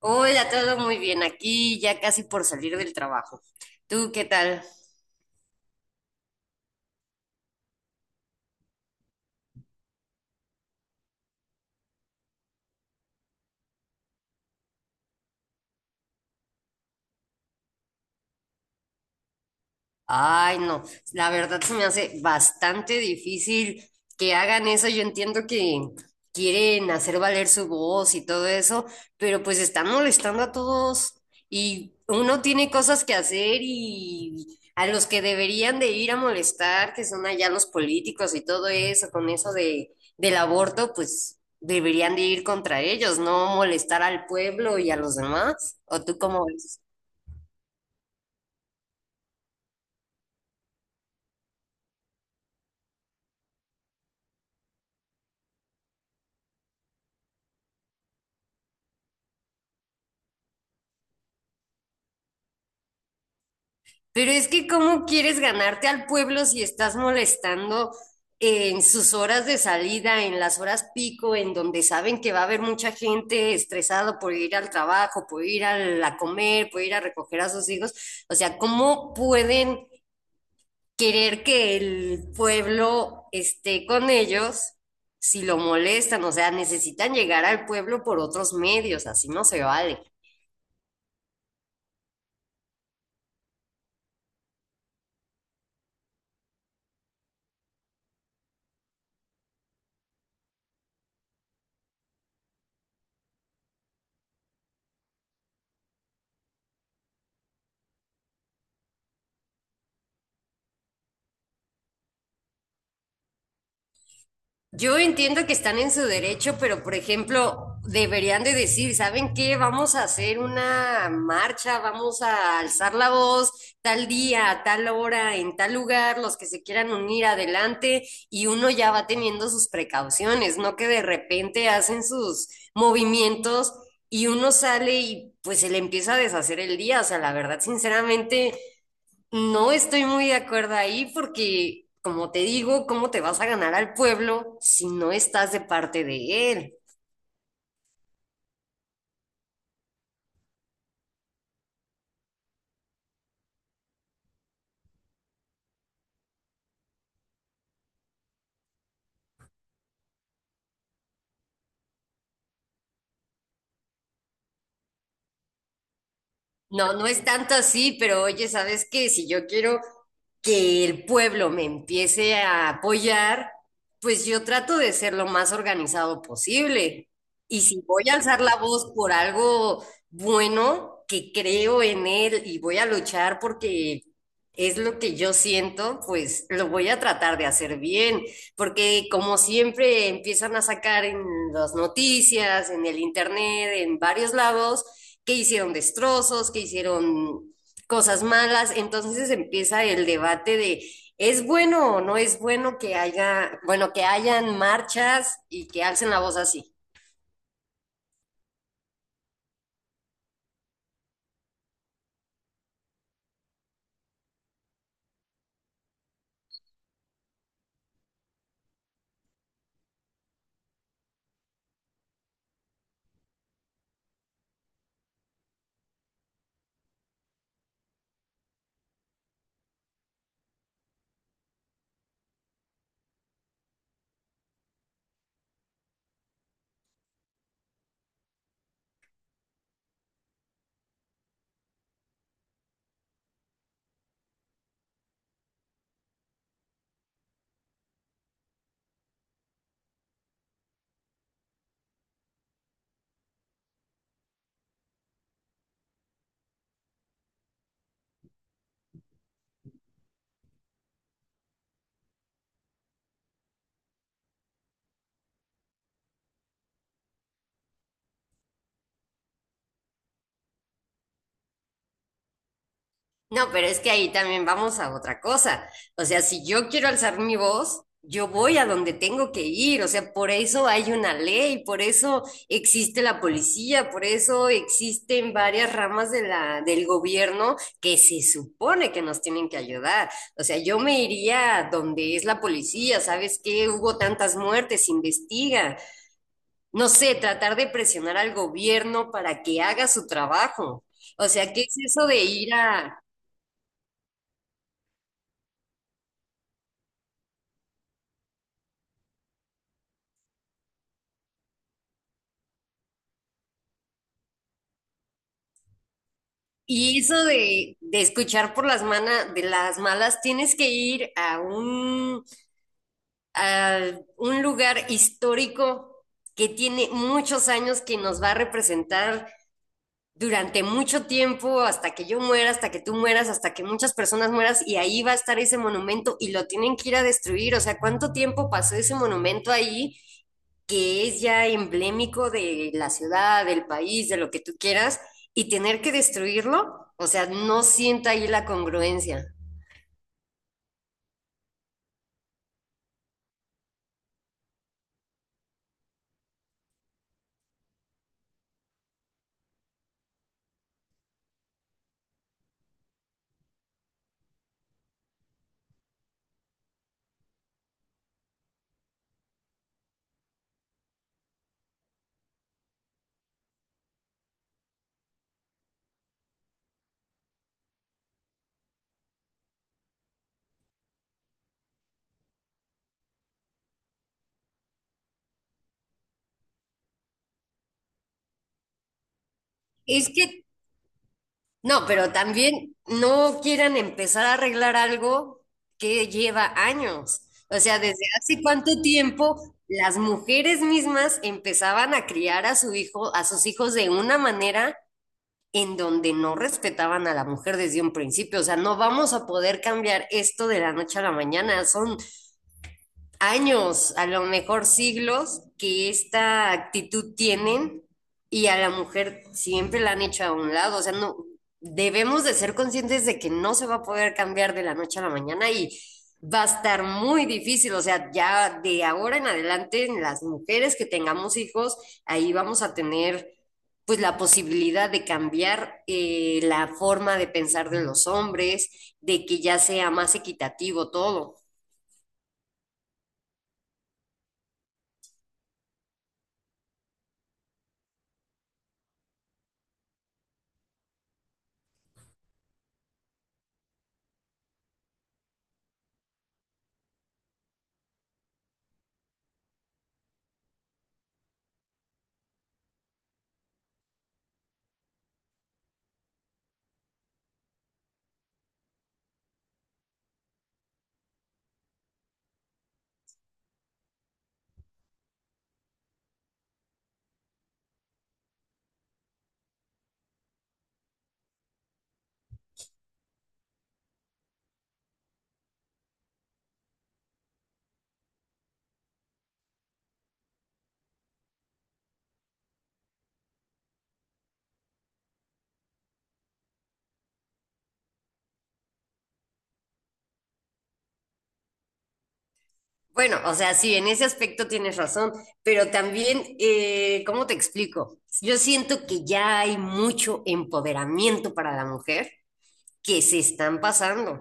Hola, todo muy bien aquí, ya casi por salir del trabajo. ¿Tú qué tal? Ay, no, la verdad se me hace bastante difícil que hagan eso. Yo entiendo que quieren hacer valer su voz y todo eso, pero pues están molestando a todos y uno tiene cosas que hacer y a los que deberían de ir a molestar, que son allá los políticos y todo eso, con eso de, del aborto, pues deberían de ir contra ellos, no molestar al pueblo y a los demás. ¿O tú cómo ves? Pero es que ¿cómo quieres ganarte al pueblo si estás molestando en sus horas de salida, en las horas pico, en donde saben que va a haber mucha gente estresada por ir al trabajo, por ir a comer, por ir a recoger a sus hijos? O sea, ¿cómo pueden querer que el pueblo esté con ellos si lo molestan? O sea, necesitan llegar al pueblo por otros medios, así no se vale. Yo entiendo que están en su derecho, pero por ejemplo, deberían de decir, ¿saben qué? Vamos a hacer una marcha, vamos a alzar la voz tal día, a tal hora, en tal lugar, los que se quieran unir adelante y uno ya va teniendo sus precauciones, no que de repente hacen sus movimientos y uno sale y pues se le empieza a deshacer el día. O sea, la verdad, sinceramente, no estoy muy de acuerdo ahí porque, como te digo, ¿cómo te vas a ganar al pueblo si no estás de parte de él? No, no es tanto así, pero oye, ¿sabes qué? Si yo quiero que el pueblo me empiece a apoyar, pues yo trato de ser lo más organizado posible. Y si voy a alzar la voz por algo bueno, que creo en él y voy a luchar porque es lo que yo siento, pues lo voy a tratar de hacer bien, porque como siempre empiezan a sacar en las noticias, en el internet, en varios lados que hicieron destrozos, que hicieron cosas malas. Entonces empieza el debate de ¿es bueno o no es bueno que haya, bueno, que hayan marchas y que alcen la voz así? No, pero es que ahí también vamos a otra cosa. O sea, si yo quiero alzar mi voz, yo voy a donde tengo que ir. O sea, por eso hay una ley, por eso existe la policía, por eso existen varias ramas de la, del gobierno que se supone que nos tienen que ayudar. O sea, yo me iría donde es la policía. ¿Sabes qué? Hubo tantas muertes, investiga. No sé, tratar de presionar al gobierno para que haga su trabajo. O sea, ¿qué es eso de ir a? Y eso de escuchar por las manas, de las malas, tienes que ir a un lugar histórico que tiene muchos años que nos va a representar durante mucho tiempo, hasta que yo muera, hasta que tú mueras, hasta que muchas personas mueras, y ahí va a estar ese monumento y lo tienen que ir a destruir. O sea, ¿cuánto tiempo pasó ese monumento ahí? Que es ya emblemático de la ciudad, del país, de lo que tú quieras, y tener que destruirlo, o sea, no sienta ahí la congruencia. Es que, no, pero también no quieran empezar a arreglar algo que lleva años. O sea, desde hace cuánto tiempo las mujeres mismas empezaban a criar a su hijo, a sus hijos de una manera en donde no respetaban a la mujer desde un principio. O sea, no vamos a poder cambiar esto de la noche a la mañana. Son años, a lo mejor siglos, que esta actitud tienen y a la mujer siempre la han hecho a un lado. O sea, no, debemos de ser conscientes de que no se va a poder cambiar de la noche a la mañana y va a estar muy difícil. O sea, ya de ahora en adelante, las mujeres que tengamos hijos, ahí vamos a tener pues la posibilidad de cambiar la forma de pensar de los hombres, de que ya sea más equitativo todo. Bueno, o sea, sí, en ese aspecto tienes razón, pero también, ¿cómo te explico? Yo siento que ya hay mucho empoderamiento para la mujer que se están pasando.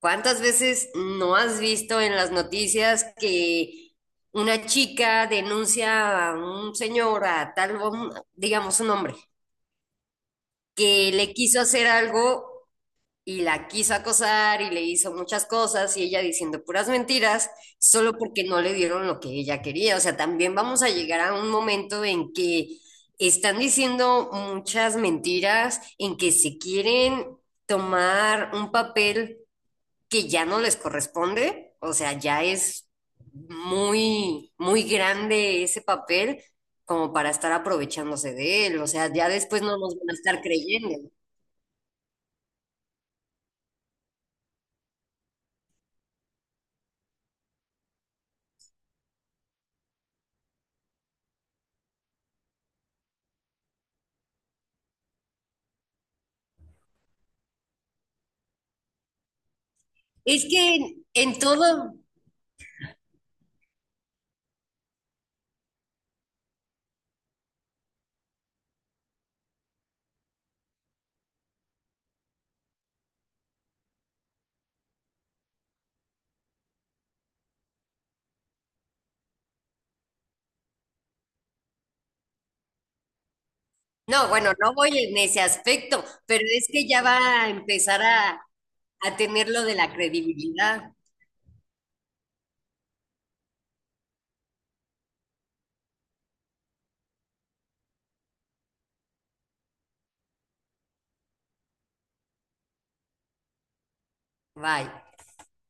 ¿Cuántas veces no has visto en las noticias que una chica denuncia a un señor, a tal, digamos un hombre, que le quiso hacer algo y la quiso acosar y le hizo muchas cosas y ella diciendo puras mentiras solo porque no le dieron lo que ella quería? O sea, también vamos a llegar a un momento en que están diciendo muchas mentiras, en que se quieren tomar un papel que ya no les corresponde. O sea, ya es muy, muy grande ese papel como para estar aprovechándose de él. O sea, ya después no nos van a estar creyendo. Es que en todo, no, bueno, no voy en ese aspecto, pero es que ya va a empezar a tener lo de la credibilidad. Bye.